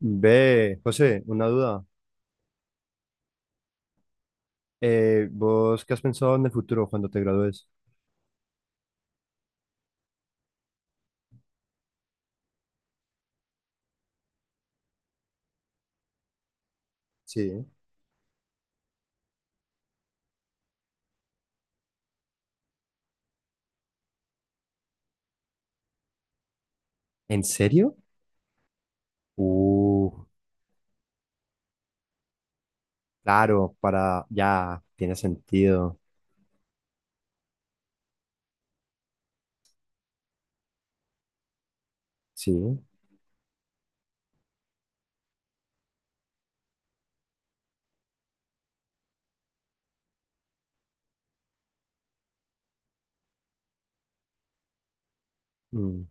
Ve, José, una duda. ¿Vos qué has pensado en el futuro cuando te gradúes? Sí. ¿En serio? Uh, claro, para ya, tiene sentido. Sí. Mm.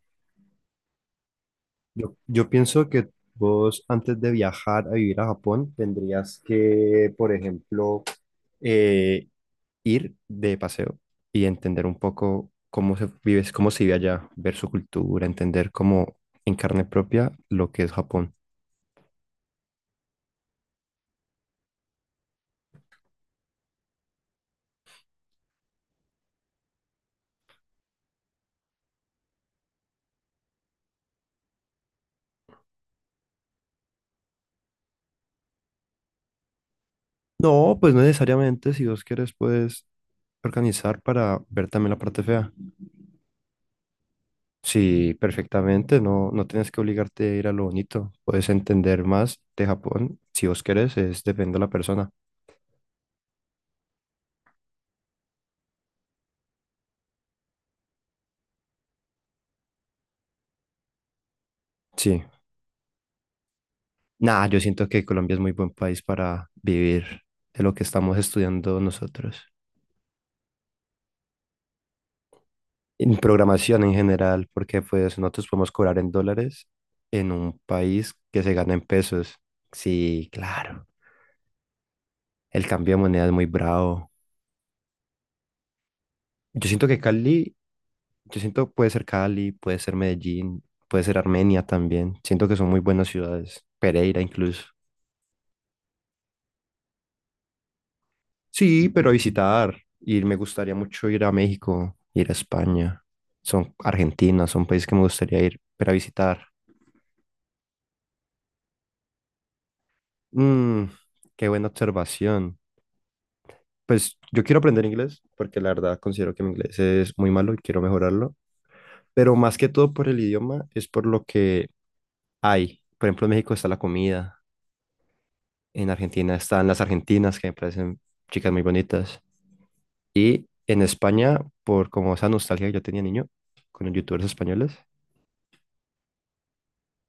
Yo pienso que vos antes de viajar a vivir a Japón tendrías que, por ejemplo, eh, ir de paseo y entender un poco cómo se vive allá, ver su cultura, entender cómo en carne propia lo que es Japón. No, pues no necesariamente, si vos quieres puedes organizar para ver también la parte fea. Sí, perfectamente, no, no tienes que obligarte a ir a lo bonito, puedes entender más de Japón, si vos querés, es depende de la persona. Sí, nada, yo siento que Colombia es muy buen país para vivir de lo que estamos estudiando nosotros. En programación en general, porque pues nosotros podemos cobrar en dólares en un país que se gana en pesos. Sí, claro. El cambio de moneda es muy bravo. Yo siento que Cali, yo siento puede ser Cali, puede ser Medellín, puede ser Armenia también. Siento que son muy buenas ciudades. Pereira incluso. Sí, pero visitar. Y me gustaría mucho ir a México, ir a España. Son Argentina, son países que me gustaría ir, pero a visitar. Mm, qué buena observación. Pues yo quiero aprender inglés, porque la verdad considero que mi inglés es muy malo y quiero mejorarlo. Pero más que todo por el idioma, es por lo que hay. Por ejemplo, en México está la comida. En Argentina están las argentinas, que me parecen chicas muy bonitas. Y en España, por como esa nostalgia que yo tenía niño, con los youtubers españoles.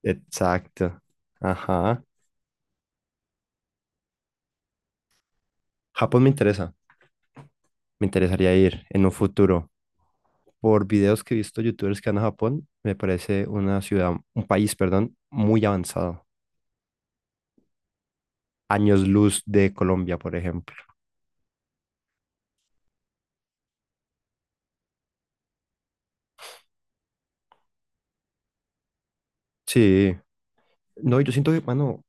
Exacto. Ajá. Japón me interesa. Me interesaría ir en un futuro. Por videos que he visto youtubers que van a Japón, me parece una ciudad, un país, perdón, muy avanzado. Años luz de Colombia, por ejemplo. Sí. No, yo siento que, mano,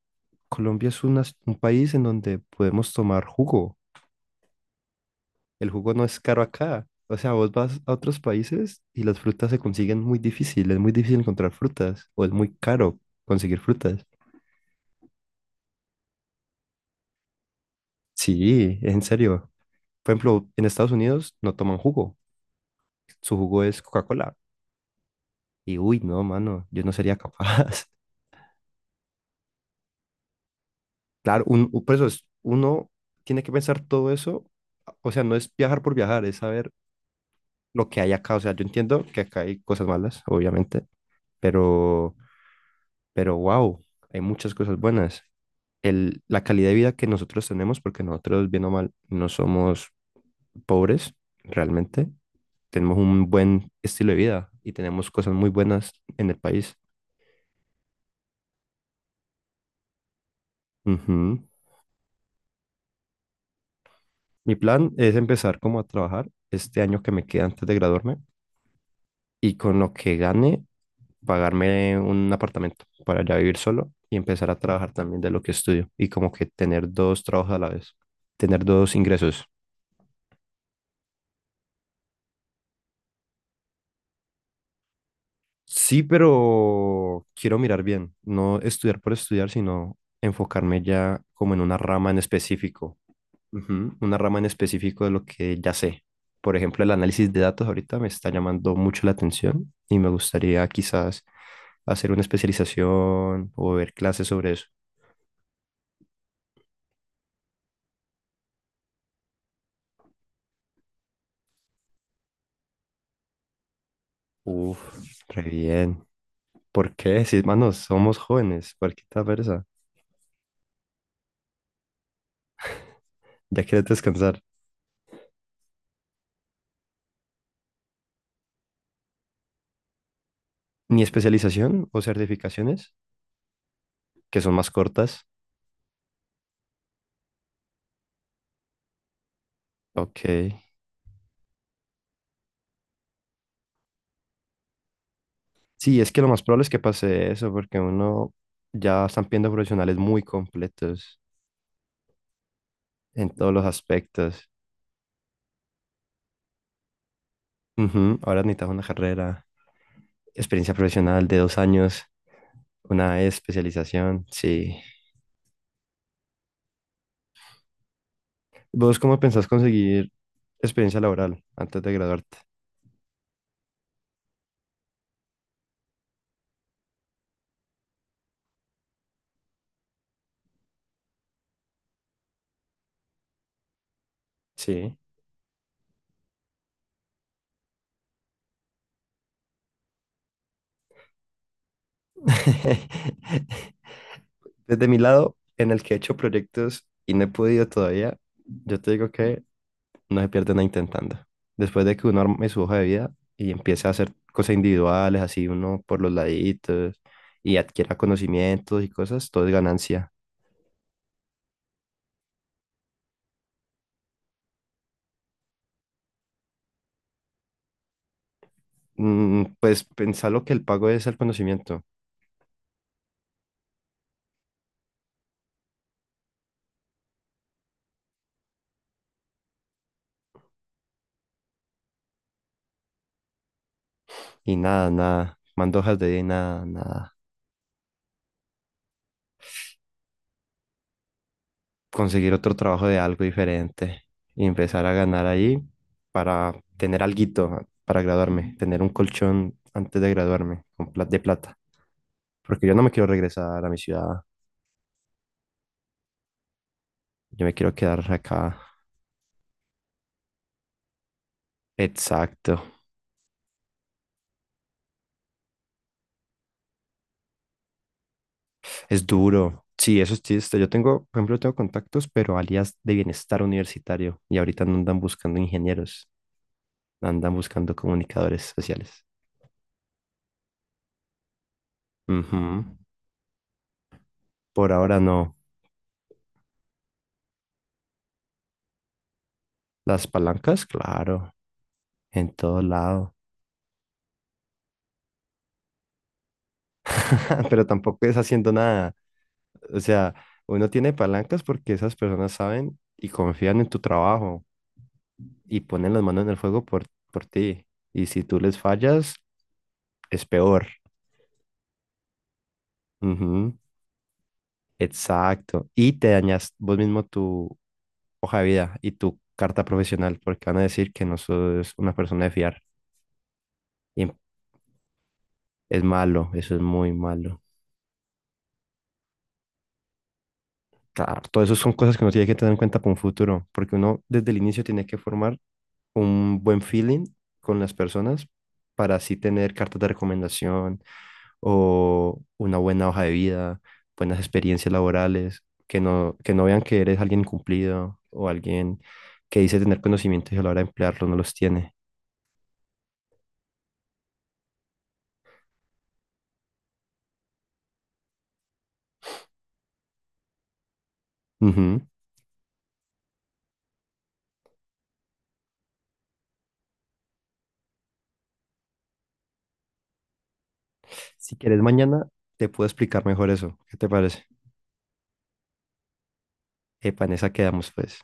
Colombia es un país en donde podemos tomar jugo. El jugo no es caro acá. O sea, vos vas a otros países y las frutas se consiguen muy difícil. Es muy difícil encontrar frutas o es muy caro conseguir frutas. Sí, en serio. Por ejemplo, en Estados Unidos no toman jugo. Su jugo es Coca-Cola. Y uy, no, mano, yo no sería capaz. Claro, por eso es, uno tiene que pensar todo eso. O sea, no es viajar por viajar, es saber lo que hay acá. O sea, yo entiendo que acá hay cosas malas, obviamente, pero, pero wow, hay muchas cosas buenas. La calidad de vida que nosotros tenemos, porque nosotros, bien o mal, no somos pobres realmente. Tenemos un buen estilo de vida y tenemos cosas muy buenas en el país. Ujú. Mi plan es empezar como a trabajar este año que me queda antes de graduarme y con lo que gane pagarme un apartamento para ya vivir solo y empezar a trabajar también de lo que estudio y como que tener dos trabajos a la vez, tener dos ingresos. Sí, pero quiero mirar bien, no estudiar por estudiar, sino enfocarme ya como en una rama en específico. Ujú. Una rama en específico de lo que ya sé. Por ejemplo, el análisis de datos ahorita me está llamando mucho la atención y me gustaría quizás hacer una especialización o ver clases sobre eso. Uf, re bien. ¿Por qué? Sí, manos somos jóvenes, cualquier persa, ya quieres descansar. Ni especialización o certificaciones, que son más cortas. Ok. Sí, es que lo más probable es que pase eso, porque uno ya están viendo profesionales muy completos en todos los aspectos. Ujú. Ahora necesitas una carrera, experiencia profesional de 2 años, una especialización. Sí. ¿Vos cómo pensás conseguir experiencia laboral antes de graduarte? Sí. Desde mi lado, en el que he hecho proyectos y no he podido todavía, yo te digo que no se pierde nada intentando. Después de que uno arme su hoja de vida y empiece a hacer cosas individuales, así uno por los laditos y adquiera conocimientos y cosas, todo es ganancia. Mm, pues pensar lo que el pago es el conocimiento y nada, nada, mando hojas de vida y nada, nada. Conseguir otro trabajo de algo diferente y empezar a ganar ahí para tener alguito para graduarme, tener un colchón antes de graduarme con de plata. Porque yo no me quiero regresar a mi ciudad, yo me quiero quedar acá. Exacto, es duro. Sí, eso sí, este, yo tengo, por ejemplo, tengo contactos, pero alias de bienestar universitario, y ahorita no andan buscando ingenieros, andan buscando comunicadores sociales. Ujú. Por ahora no. Las palancas, claro, en todo lado. Pero tampoco es haciendo nada. O sea, uno tiene palancas porque esas personas saben y confían en tu trabajo y ponen las manos en el fuego por ti. Y si tú les fallas, es peor. Exacto. Y te dañas vos mismo tu hoja de vida y tu carta profesional porque van a decir que no sos una persona de fiar. Y es malo, eso es muy malo. Claro, todo eso son cosas que uno tiene que tener en cuenta para un futuro, porque uno desde el inicio tiene que formar un buen feeling con las personas para así tener cartas de recomendación o una buena hoja de vida, buenas experiencias laborales, que no vean que eres alguien cumplido o alguien que dice tener conocimientos y a la hora de emplearlo no los tiene. Ujú. Si quieres mañana, te puedo explicar mejor eso. ¿Qué te parece? Epa, en esa quedamos pues.